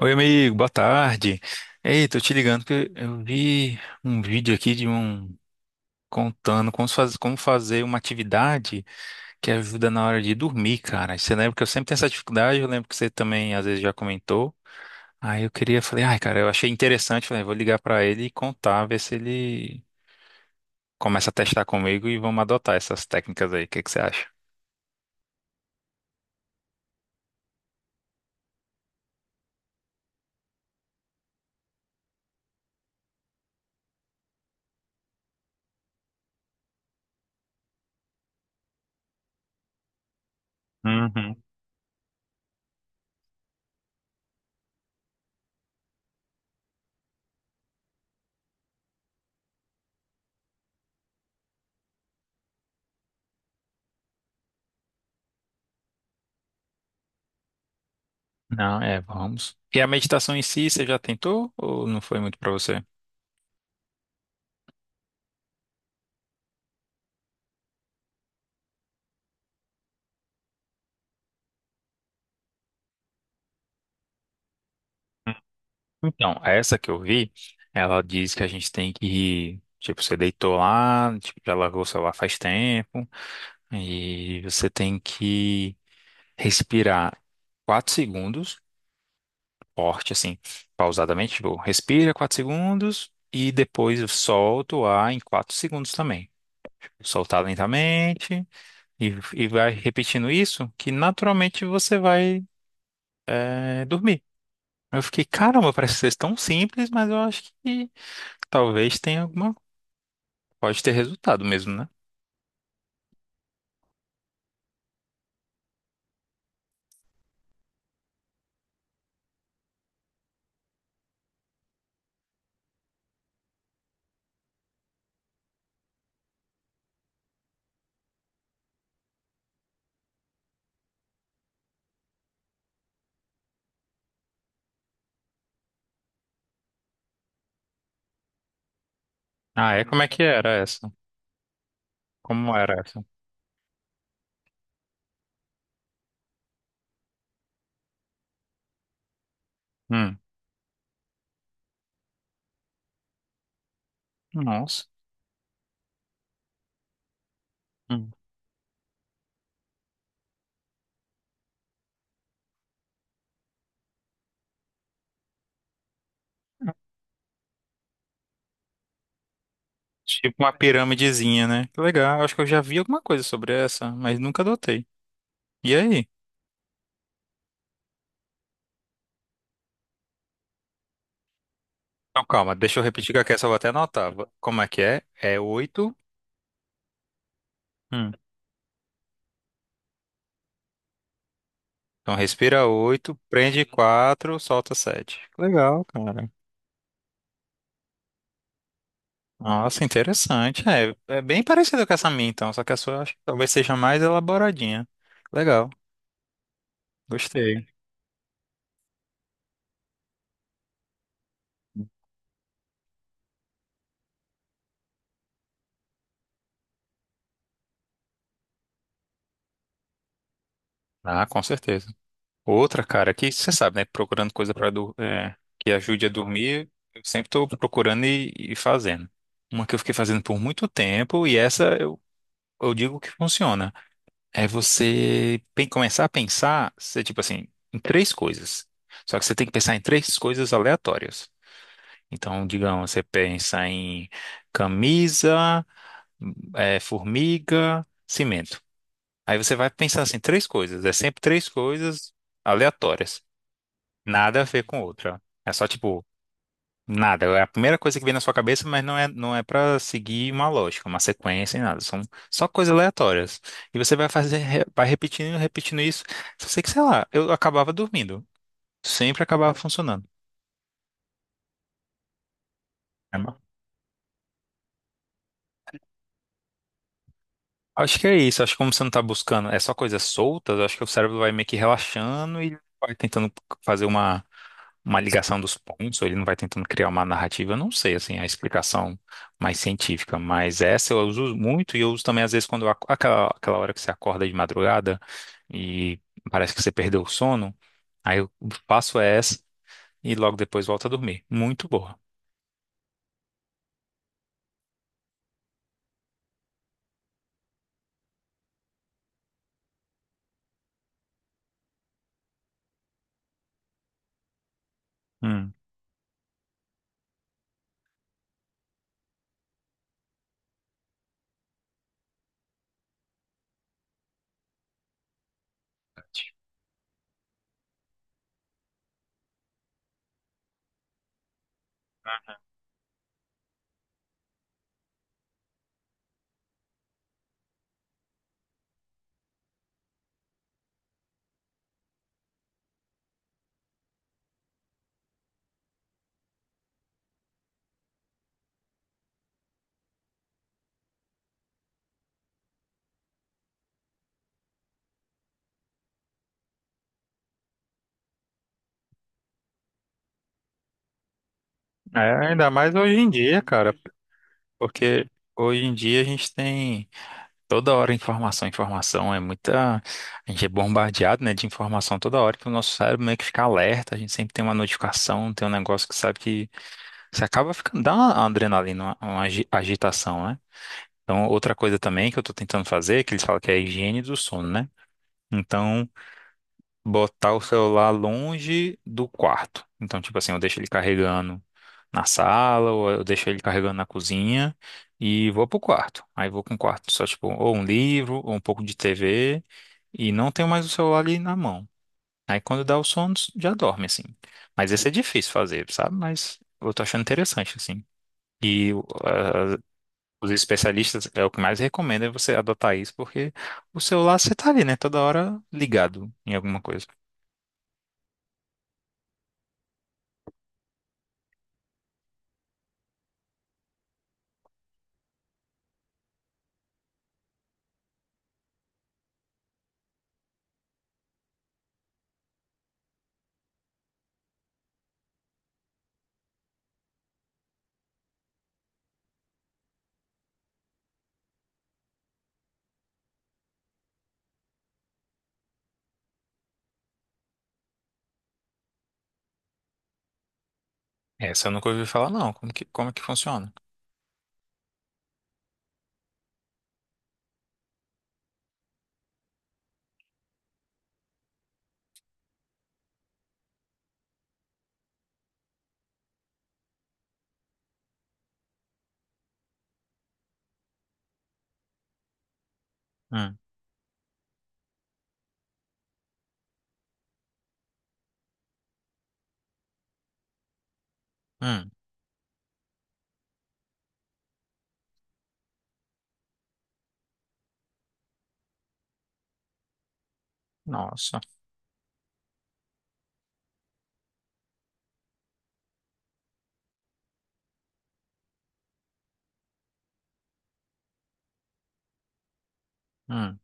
Oi, amigo, boa tarde. Ei, tô te ligando porque eu vi um vídeo aqui de um contando como se faz- como fazer uma atividade que ajuda na hora de dormir, cara. Você lembra que eu sempre tenho essa dificuldade, eu lembro que você também às vezes já comentou. Aí eu queria, falei, ai, cara, eu achei interessante, falei, vou ligar pra ele e contar, ver se ele começa a testar comigo e vamos adotar essas técnicas aí. O que que você acha? Uhum. Não, é, vamos. E a meditação em si, você já tentou ou não foi muito pra você? Então, essa que eu vi, ela diz que a gente tem que, tipo, você deitou lá, tipo, já largou o celular faz tempo, e você tem que respirar 4 segundos, forte, assim, pausadamente, tipo, respira 4 segundos e depois solta o ar em 4 segundos também. Soltar lentamente e, e vai repetindo isso, que naturalmente você vai, dormir. Eu fiquei, caramba, parece ser tão simples, mas eu acho que talvez tenha alguma. Pode ter resultado mesmo, né? Ah, é? Como é que era essa? Como era essa? Hum. Nossa. Hum. Tipo uma piramidezinha, né? Que legal. Acho que eu já vi alguma coisa sobre essa, mas nunca adotei. E aí? Então, calma, deixa eu repetir que aqui essa eu vou até anotar. Como é que é? É oito. Hum. Então, respira oito, prende quatro, solta sete. Legal, cara. Nossa, interessante. É, é bem parecido com essa minha, então, só que a sua eu acho que talvez seja mais elaboradinha. Legal, gostei. Ah, com certeza. Outra, cara, que você sabe, né? Procurando coisa para que ajude a dormir, eu sempre estou procurando e fazendo. Uma que eu fiquei fazendo por muito tempo, e essa eu digo que funciona. É você começar a pensar, você, tipo assim, em três coisas. Só que você tem que pensar em três coisas aleatórias. Então, digamos, você pensa em camisa, formiga, cimento. Aí você vai pensar assim, três coisas. É sempre três coisas aleatórias. Nada a ver com outra. É só tipo, nada. É a primeira coisa que vem na sua cabeça, mas não é para seguir uma lógica, uma sequência e nada. São só coisas aleatórias. E você vai fazer, vai repetindo isso. Só sei que, sei lá, eu acabava dormindo. Sempre acabava funcionando. É uma- acho que é isso. Acho que como você não tá buscando, é só coisas soltas, acho que o cérebro vai meio que relaxando e vai tentando fazer uma. Uma ligação dos pontos, ou ele não vai tentando criar uma narrativa, eu não sei, assim, a explicação mais científica, mas essa eu uso muito e eu uso também às vezes quando aquela, aquela hora que você acorda de madrugada e parece que você perdeu o sono, aí eu faço essa e logo depois volto a dormir. Muito boa. Hum. É, ainda mais hoje em dia, cara, porque hoje em dia a gente tem. Toda hora informação, informação é muita. A gente é bombardeado, né, de informação toda hora que o nosso cérebro meio que fica alerta. A gente sempre tem uma notificação, tem um negócio que sabe que você acaba ficando. Dá uma adrenalina, uma agitação, né? Então, outra coisa também que eu tô tentando fazer, que eles falam que é a higiene do sono, né? Então botar o celular longe do quarto. Então, tipo assim, eu deixo ele carregando na sala, ou eu deixo ele carregando na cozinha e vou pro quarto. Aí vou com o quarto só, tipo, ou um livro, ou um pouco de TV, e não tenho mais o celular ali na mão. Aí quando dá o sono, já dorme, assim. Mas esse é difícil fazer, sabe? Mas eu tô achando interessante, assim. E os especialistas, é o que mais recomendo é você adotar isso, porque o celular você tá ali, né? Toda hora ligado em alguma coisa. Essa eu nunca ouvi falar, não. Como que funciona? Hum, hum, nossa. Hum.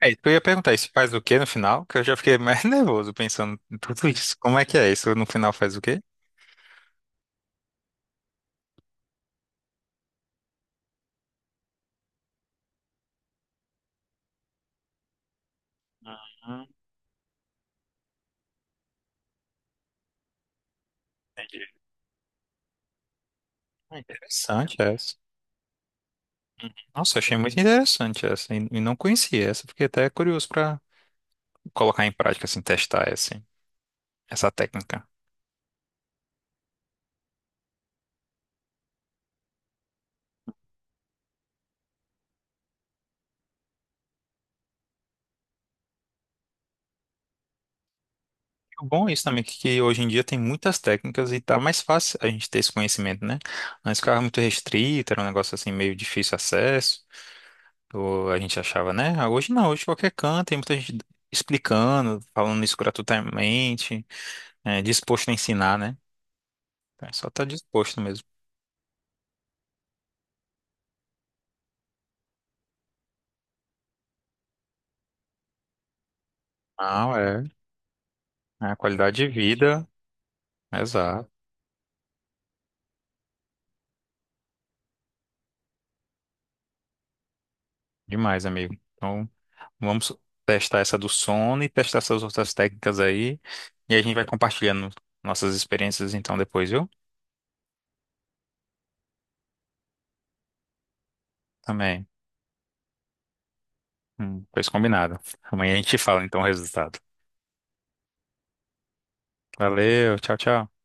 É, isso que eu ia perguntar, isso faz o quê no final? Que eu já fiquei mais nervoso pensando em tudo isso. Como é que é isso? No final faz o quê? Hum, interessante essa. Nossa, achei muito interessante essa. E não conhecia essa. Fiquei até curioso pra colocar em prática, assim, testar essa. Essa técnica. O bom é isso também, que hoje em dia tem muitas técnicas e tá mais fácil a gente ter esse conhecimento, né? Antes ficava muito restrito, era um negócio assim meio difícil de acesso, ou a gente achava, né? Ah, hoje não, hoje qualquer canto, tem muita gente explicando, falando isso gratuitamente, é, disposto a ensinar, né? Então, é só estar disposto mesmo. Não, é. É a qualidade de vida, exato. Demais, amigo. Então, vamos testar essa do sono e testar essas outras técnicas aí. E a gente vai compartilhando nossas experiências então depois, viu? Também. Pois combinado. Amanhã a gente fala então o resultado. Valeu, tchau, tchau.